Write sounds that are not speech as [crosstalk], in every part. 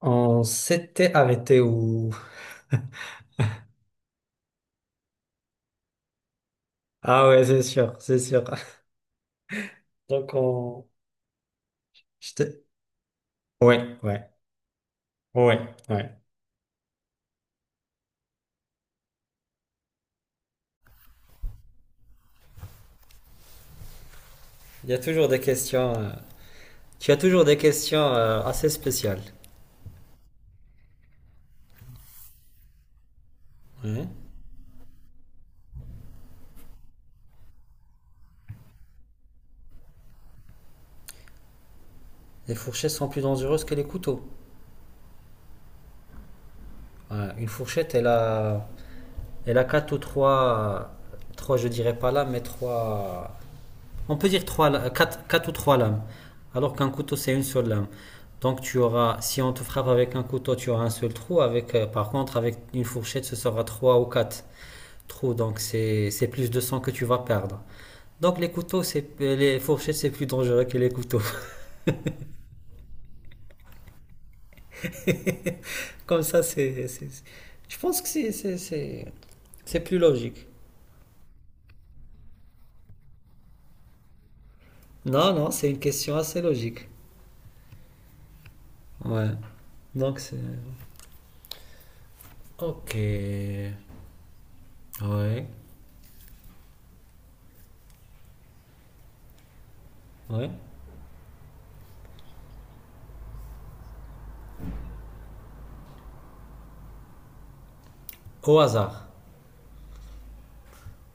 On s'était arrêté où? [laughs] Ah ouais, c'est sûr, c'est sûr. [laughs] Donc on... Je te- Ouais, ouais, ouais, ouais. Il y a toujours des questions... Tu as toujours des questions assez spéciales. Ouais. Les fourchettes sont plus dangereuses que les couteaux. Ouais, une fourchette, elle a... Elle a quatre ou trois... Trois, je dirais pas là, mais trois... On peut dire trois, quatre, quatre ou 3 lames, alors qu'un couteau c'est une seule lame. Donc tu auras, si on te frappe avec un couteau, tu auras un seul trou. Par contre, avec une fourchette, ce sera 3 ou 4 trous. Donc c'est plus de sang que tu vas perdre. Donc les fourchettes, c'est plus dangereux que les couteaux. [laughs] Comme ça, je pense que c'est plus logique. Non, non, c'est une question assez logique. Ouais. Donc c'est. Ok. Ouais. Ouais. Au hasard.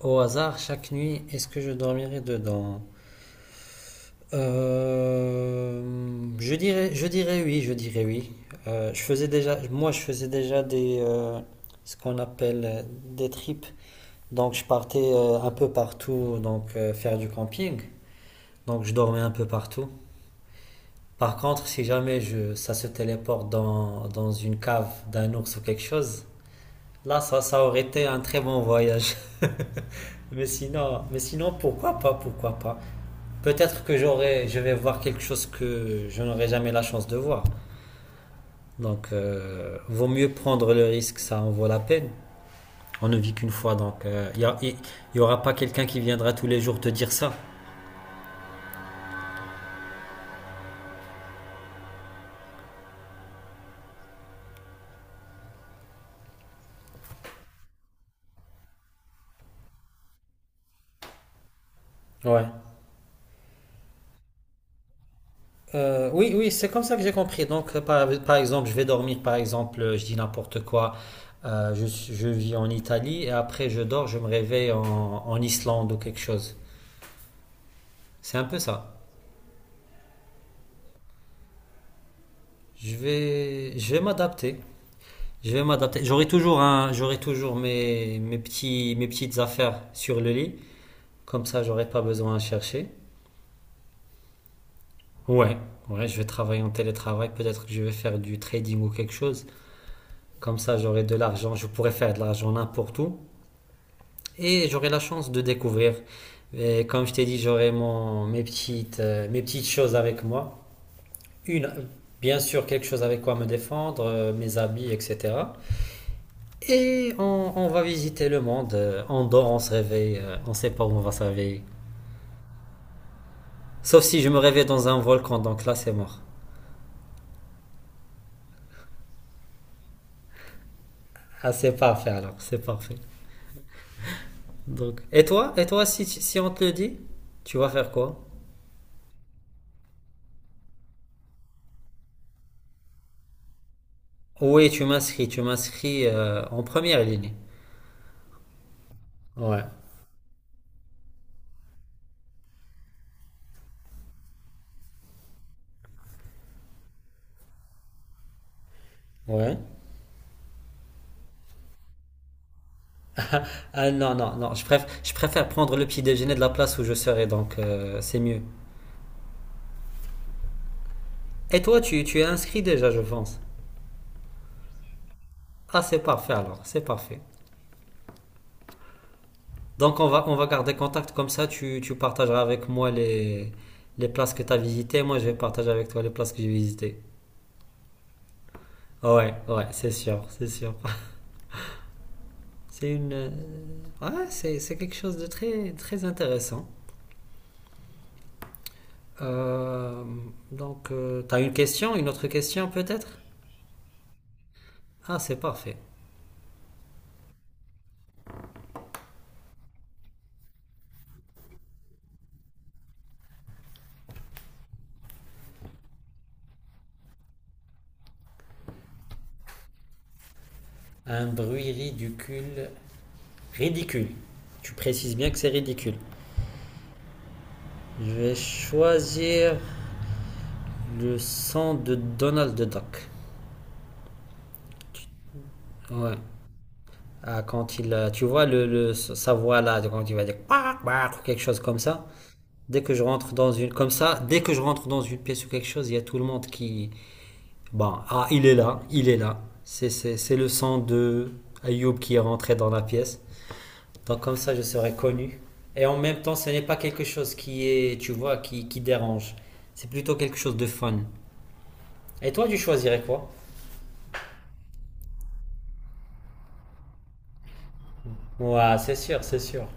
Au hasard, chaque nuit, est-ce que je dormirai dedans? Euh, je dirais oui, je dirais oui. Moi, je faisais déjà des, ce qu'on appelle des trips. Donc, je partais un peu partout, donc faire du camping. Donc, je dormais un peu partout. Par contre, si jamais ça se téléporte dans une cave d'un ours ou quelque chose, là, ça aurait été un très bon voyage. [laughs] Mais sinon, pourquoi pas, pourquoi pas? Peut-être que je vais voir quelque chose que je n'aurai jamais la chance de voir. Donc, vaut mieux prendre le risque, ça en vaut la peine. On ne vit qu'une fois, donc il n'y aura pas quelqu'un qui viendra tous les jours te dire ça. Ouais. Oui, oui, c'est comme ça que j'ai compris. Donc, par exemple, je vais dormir, par exemple, je dis n'importe quoi, euh, je, je vis en Italie et après je dors, je me réveille en Islande ou quelque chose. C'est un peu ça. Je vais m'adapter. Je vais m'adapter. J'aurai toujours mes petites affaires sur le lit. Comme ça, j'aurai pas besoin à chercher. Ouais, ouais, je vais travailler en télétravail. Peut-être que je vais faire du trading ou quelque chose. Comme ça, j'aurai de l'argent. Je pourrai faire de l'argent n'importe où. Et j'aurai la chance de découvrir. Et comme je t'ai dit, j'aurai mes petites choses avec moi. Une, bien sûr, quelque chose avec quoi me défendre, mes habits, etc. Et on va visiter le monde. On dort, on se réveille. On sait pas où on va se réveiller. Sauf si je me réveille dans un volcan, donc là c'est mort. Ah, c'est parfait alors, c'est parfait. Donc, et toi, si on te le dit, tu vas faire quoi? Oui, tu m'inscris en première ligne. Ouais. Ouais. Ah non, non, non, je préfère prendre le petit déjeuner de la place où je serai, donc c'est mieux. Et toi, tu es inscrit déjà, je pense. Ah, c'est parfait alors, c'est parfait. Donc on va garder contact comme ça, tu partageras avec moi les places que tu as visitées, moi je vais partager avec toi les places que j'ai visitées. Ah ouais, ouais, c'est sûr, c'est sûr. [laughs] C'est une... euh, Ouais, c'est quelque chose de très, très intéressant. Euh, donc, t'as une autre question peut-être? Ah, c'est parfait. Un bruit ridicule. Ridicule. Tu précises bien que c'est ridicule. Je vais choisir le son de Donald Duck. Ouais, ah, quand tu vois sa voix là, quand il va dire Quack, quack ou quelque chose comme ça. Dès que je rentre comme ça, dès que je rentre dans une pièce ou quelque chose, il y a tout le monde qui, bon, ah, il est là, il est là. C'est le son de Ayoub qui est rentré dans la pièce. Donc comme ça, je serai connu. Et en même temps, ce n'est pas quelque chose qui est, tu vois, qui dérange. C'est plutôt quelque chose de fun. Et toi, tu choisirais quoi? Ouais, c'est sûr, c'est sûr.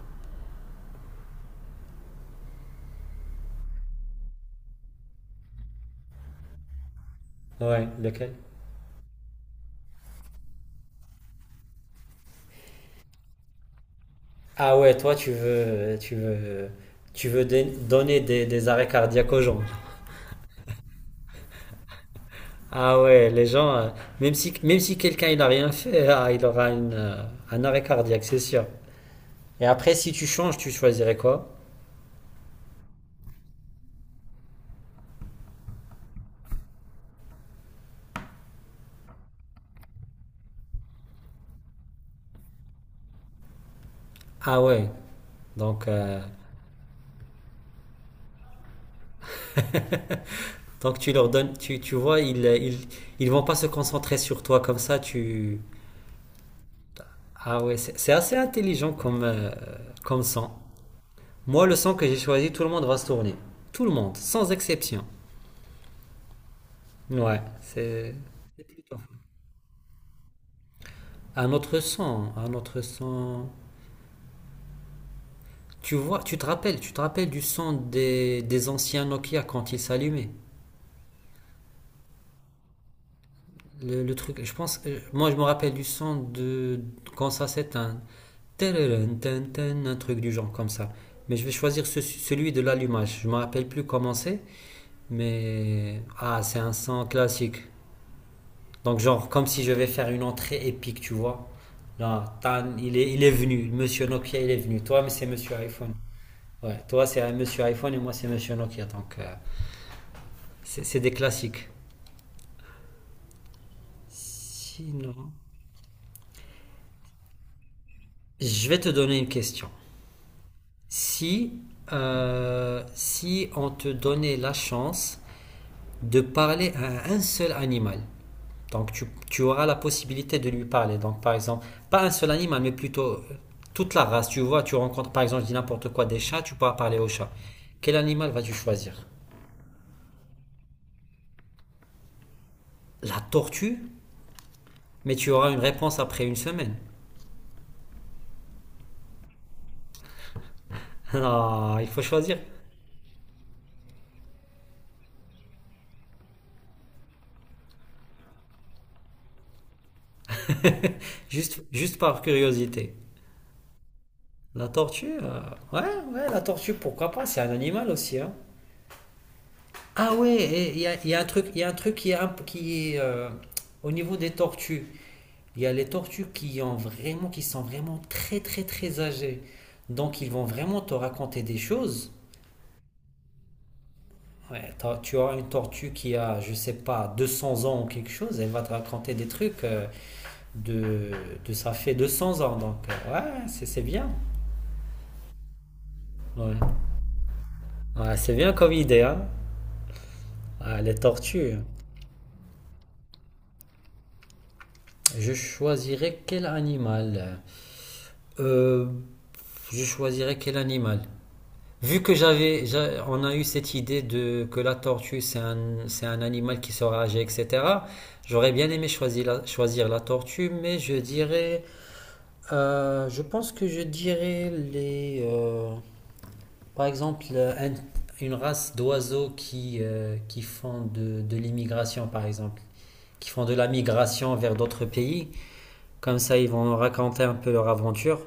Ouais, lequel? Ah ouais, toi, tu veux donner des arrêts cardiaques aux gens. Ah ouais, les gens, même si quelqu'un il a rien fait, [laughs] ah, il aura un arrêt cardiaque, c'est sûr. Et après, si tu changes, tu choisirais quoi? Ah ouais, donc, euh, donc tu leur donnes, tu vois, ils vont pas se concentrer sur toi comme ça. Ah ouais, c'est assez intelligent comme, comme sang. Moi, le sang que j'ai choisi, tout le monde va se tourner. Tout le monde, sans exception. Ouais, c'est plutôt un autre son. Tu vois, tu te rappelles du son des anciens Nokia quand ils s'allumaient. Le truc, je pense, moi je me rappelle du son de quand ça s'éteint, Tadadun, tan, tan, un truc du genre comme ça. Mais je vais choisir celui de l'allumage. Je me rappelle plus comment c'est, mais ah, c'est un son classique. Donc, genre, comme si je vais faire une entrée épique, tu vois. Là, Tan, il est venu. Monsieur Nokia, il est venu. Toi, mais c'est Monsieur iPhone. Ouais, toi, c'est Monsieur iPhone et moi, c'est Monsieur Nokia. Donc, c'est des classiques. Sinon, je vais te donner une question. Si, Si on te donnait la chance de parler à un seul animal. Donc tu auras la possibilité de lui parler. Donc par exemple, pas un seul animal, mais plutôt toute la race. Tu vois, tu rencontres par exemple, je dis n'importe quoi, des chats, tu pourras parler aux chats. Quel animal vas-tu choisir? La tortue? Mais tu auras une réponse après une semaine. [laughs] Non, il faut choisir. Juste par curiosité. La tortue. Ouais, ouais, la tortue, pourquoi pas? C'est un animal aussi, hein. Ah ouais, il y a un truc qui est au niveau des tortues. Il y a les tortues qui sont vraiment très très très âgées. Donc ils vont vraiment te raconter des choses. Ouais, tu auras une tortue qui a, je sais pas, 200 ans ou quelque chose, elle va te raconter des trucs de, de ça fait 200 ans. Donc ouais, c'est bien. Ouais. Ouais, c'est bien comme idée, hein. Ah, les tortues. Je choisirais quel animal? Euh, je choisirais quel animal? Vu que on a eu cette idée de que la tortue c'est un animal qui sera âgé, etc. J'aurais bien aimé choisir la tortue, mais je pense que je dirais les, par exemple, un- une race d'oiseaux qui font de l'immigration, par exemple, qui font de la migration vers d'autres pays. Comme ça, ils vont raconter un peu leur aventure.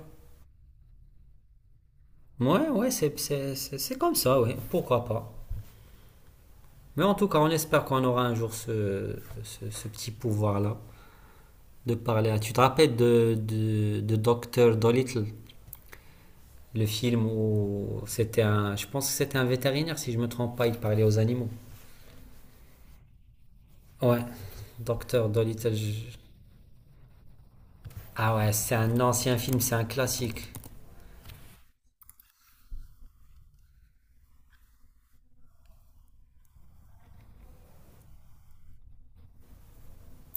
Ouais, ouais, c'est comme ça, ouais. Pourquoi pas? Mais en tout cas, on espère qu'on aura un jour ce petit pouvoir-là de parler. Tu te rappelles de Dr. Dolittle, le film où c'était un. Je pense que c'était un vétérinaire, si je ne me trompe pas, il parlait aux animaux. Ouais, docteur Dolittle. Ah ouais, c'est un ancien film, c'est un classique.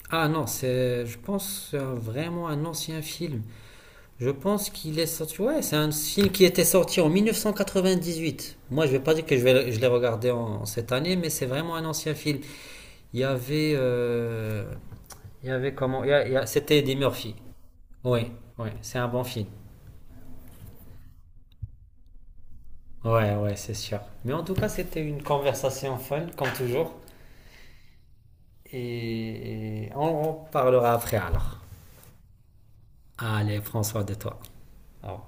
Ah non, c'est. Je pense c'est vraiment un ancien film. Je pense qu'il est sorti. Ouais, c'est un film qui était sorti en 1998. Moi, je vais pas dire que je l'ai regardé cette année, mais c'est vraiment un ancien film. Il y avait, euh, c'était Eddie Murphy. Oui, oui, c'est un bon film. Ouais, ouais, c'est sûr. Mais en tout cas, c'était une conversation fun, comme toujours. Et on parlera après alors. Allez, François, de toi. Au revoir.